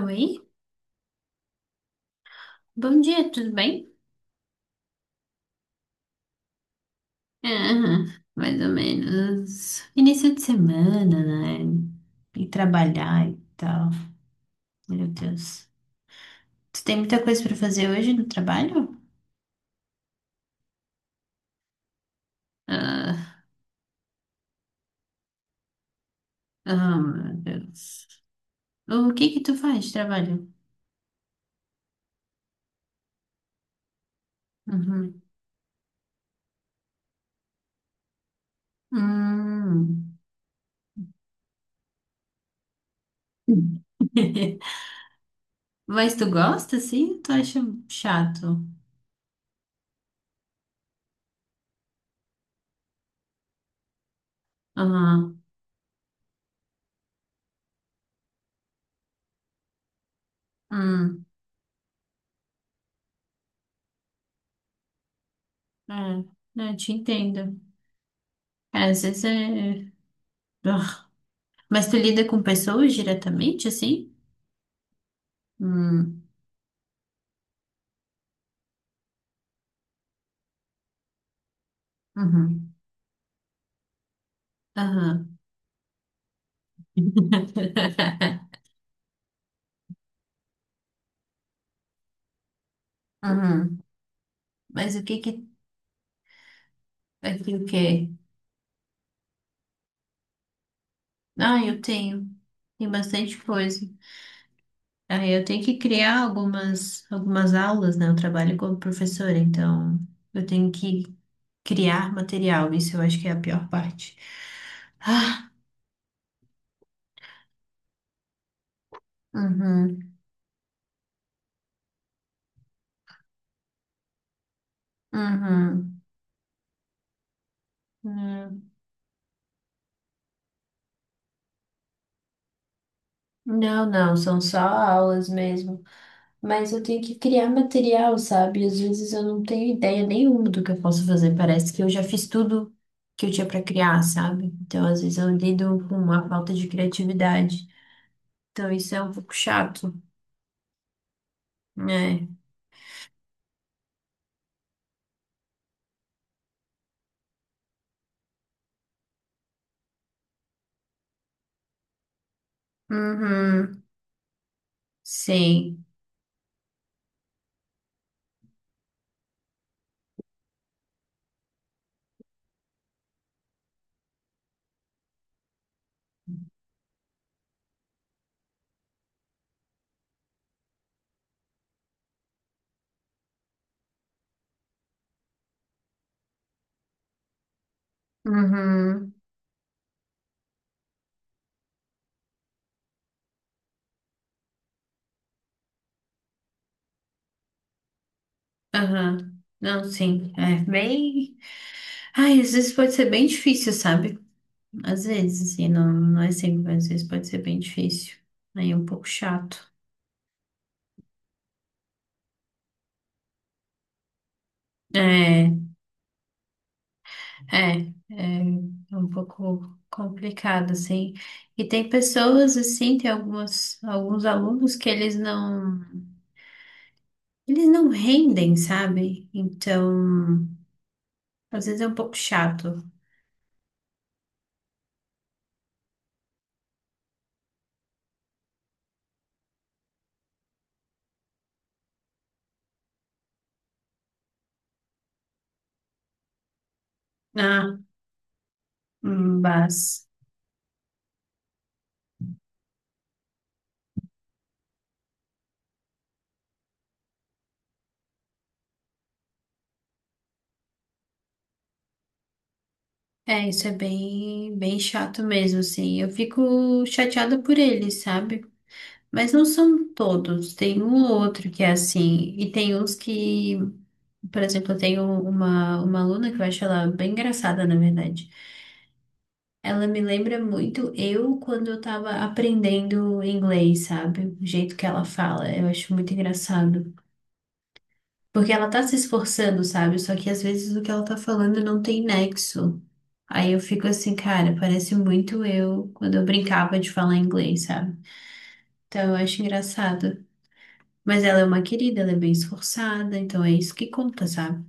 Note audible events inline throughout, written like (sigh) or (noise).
Oi, bom dia, tudo bem? Ah, mais ou menos. Início de semana, né? E trabalhar e tal. Meu Deus. Tu tem muita coisa pra fazer hoje no trabalho? Ah, ah, meu Deus. O que que tu faz de trabalho? Uhum. Hum. (laughs) Mas tu gosta, sim? Tu acha chato? Ah. Hum. É, né, eu te entendo. Às vezes é. (sighs) Mas tu lida com pessoas diretamente, assim? Hum, uhum, aham. (laughs) Uhum. Mas o que que aqui o quê? Ah, eu tenho, tem bastante coisa. Aí eu tenho que criar algumas aulas, né? Eu trabalho como professora, então eu tenho que criar material. Isso eu acho que é a pior parte. Uhum, uhum. Hum. Não, não, são só aulas mesmo. Mas eu tenho que criar material, sabe? Às vezes eu não tenho ideia nenhuma do que eu posso fazer. Parece que eu já fiz tudo que eu tinha para criar, sabe? Então, às vezes eu lido com uma falta de criatividade. Então, isso é um pouco chato, né? Uhum. Sim. Uhum. Aham. Não, sim. É bem. Ai, às vezes pode ser bem difícil, sabe? Às vezes, assim, não é sempre, mas às vezes pode ser bem difícil. Aí é um pouco chato. É. É, é um pouco complicado, assim. E tem pessoas, assim, tem algumas, alguns alunos que eles não rendem, sabe? Então, às vezes é um pouco chato. Ah, mas é, isso é bem, bem chato mesmo, assim. Eu fico chateada por eles, sabe? Mas não são todos, tem um ou outro que é assim, e tem uns que, por exemplo, eu tenho uma aluna que eu acho ela bem engraçada, na verdade. Ela me lembra muito eu quando eu tava aprendendo inglês, sabe? O jeito que ela fala, eu acho muito engraçado. Porque ela tá se esforçando, sabe? Só que às vezes o que ela tá falando não tem nexo. Aí eu fico assim, cara, parece muito eu quando eu brincava de falar inglês, sabe? Então eu acho engraçado. Mas ela é uma querida, ela é bem esforçada, então é isso que conta, sabe?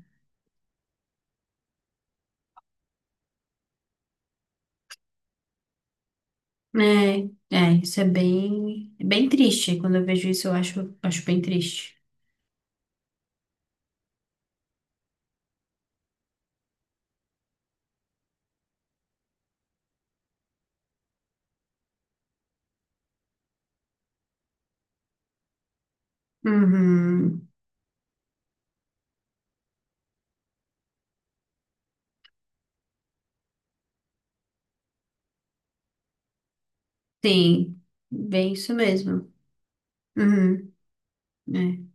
É, é, isso é bem triste. Quando eu vejo isso, eu acho, acho bem triste. Uhum. Sim, bem isso mesmo. Uhum, é.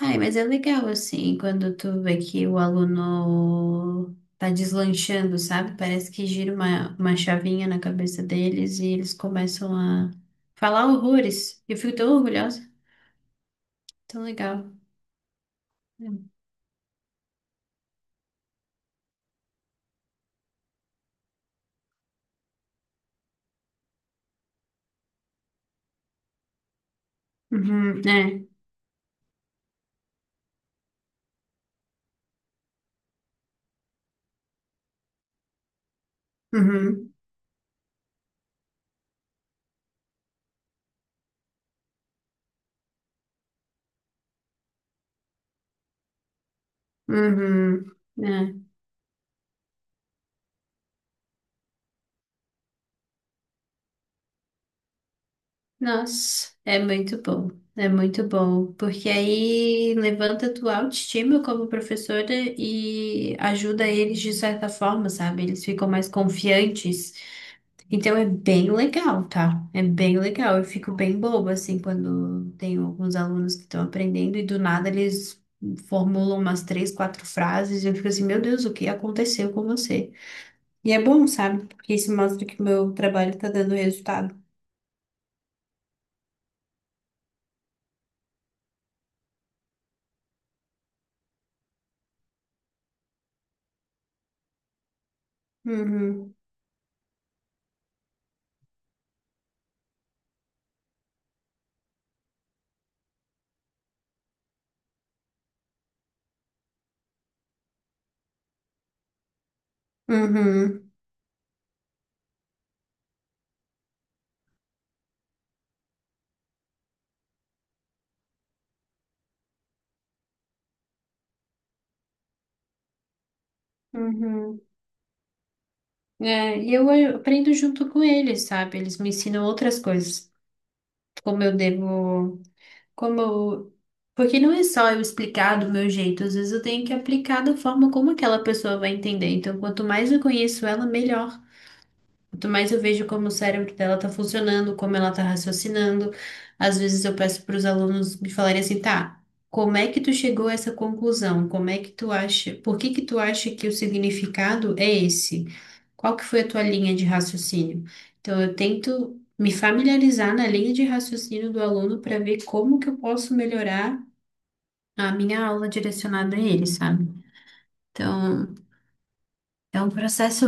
Ai, mas é legal assim, quando tu vê que o aluno tá deslanchando, sabe? Parece que gira uma chavinha na cabeça deles e eles começam a falar horrores. Eu fico tão orgulhosa, tão legal. Uhum, é. Uhum, uhum, é. Nossa, é muito bom. É muito bom, porque aí levanta a tua autoestima como professora e ajuda eles de certa forma, sabe? Eles ficam mais confiantes. Então é bem legal, tá? É bem legal. Eu fico bem boba, assim, quando tenho alguns alunos que estão aprendendo e do nada eles formulam umas três, quatro frases e eu fico assim, meu Deus, o que aconteceu com você? E é bom, sabe? Porque isso mostra que o meu trabalho tá dando resultado. Uhum. Uhum. Uhum. É, e eu aprendo junto com eles, sabe? Eles me ensinam outras coisas, como eu devo, como eu... Porque não é só eu explicar do meu jeito, às vezes eu tenho que aplicar da forma como aquela pessoa vai entender. Então, quanto mais eu conheço ela, melhor. Quanto mais eu vejo como o cérebro dela tá funcionando, como ela tá raciocinando, às vezes eu peço para os alunos me falarem assim, tá, como é que tu chegou a essa conclusão? Como é que tu acha, por que que tu acha que o significado é esse? Qual que foi a tua linha de raciocínio? Então eu tento me familiarizar na linha de raciocínio do aluno para ver como que eu posso melhorar a minha aula direcionada a ele, sabe? Então, é um processo,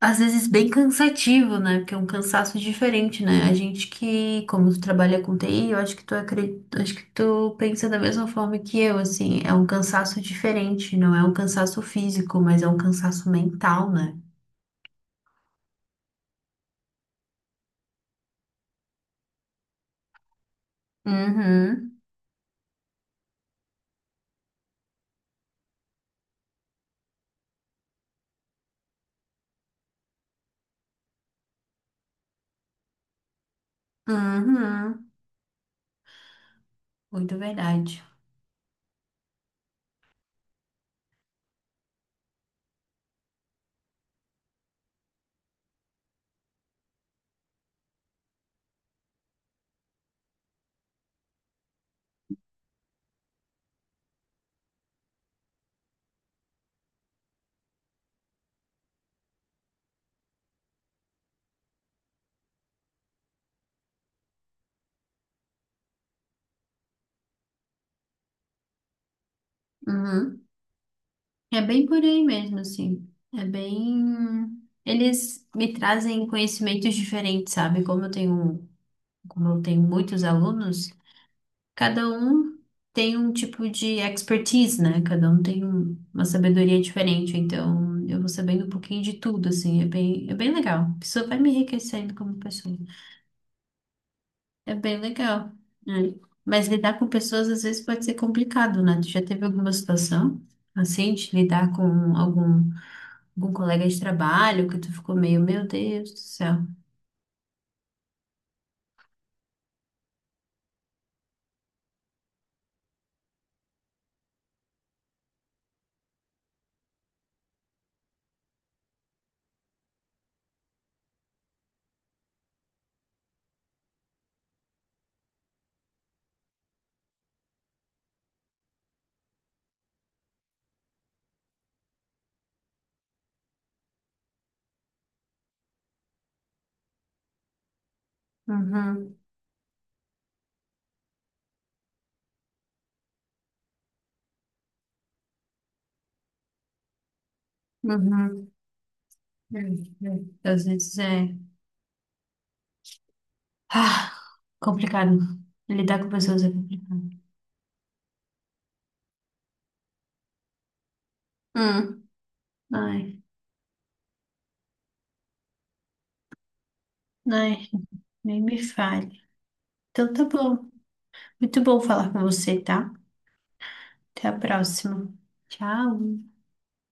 às vezes, bem cansativo, né? Porque é um cansaço diferente, né? A gente que, como tu trabalha com TI, eu acho que tu acho que tu pensa da mesma forma que eu, assim, é um cansaço diferente, não é um cansaço físico, mas é um cansaço mental, né? Uhum, uhum, muito verdade. Uhum. É bem por aí mesmo, assim. É bem. Eles me trazem conhecimentos diferentes, sabe? Como eu tenho muitos alunos. Cada um tem um tipo de expertise, né? Cada um tem uma sabedoria diferente, então eu vou sabendo um pouquinho de tudo, assim, é bem legal. A vai me enriquecendo como pessoa. É bem legal. Né? Mas lidar com pessoas às vezes pode ser complicado, né? Tu já teve alguma situação assim, de lidar com algum, algum colega de trabalho que tu ficou meio, meu Deus do céu. Uhum, uhum. Às vezes é ah, complicado. Lidar com pessoas é complicado. Hum. Ai, ai, nem me fale. Então tá bom. Muito bom falar com você, tá? Até a próxima. Tchau.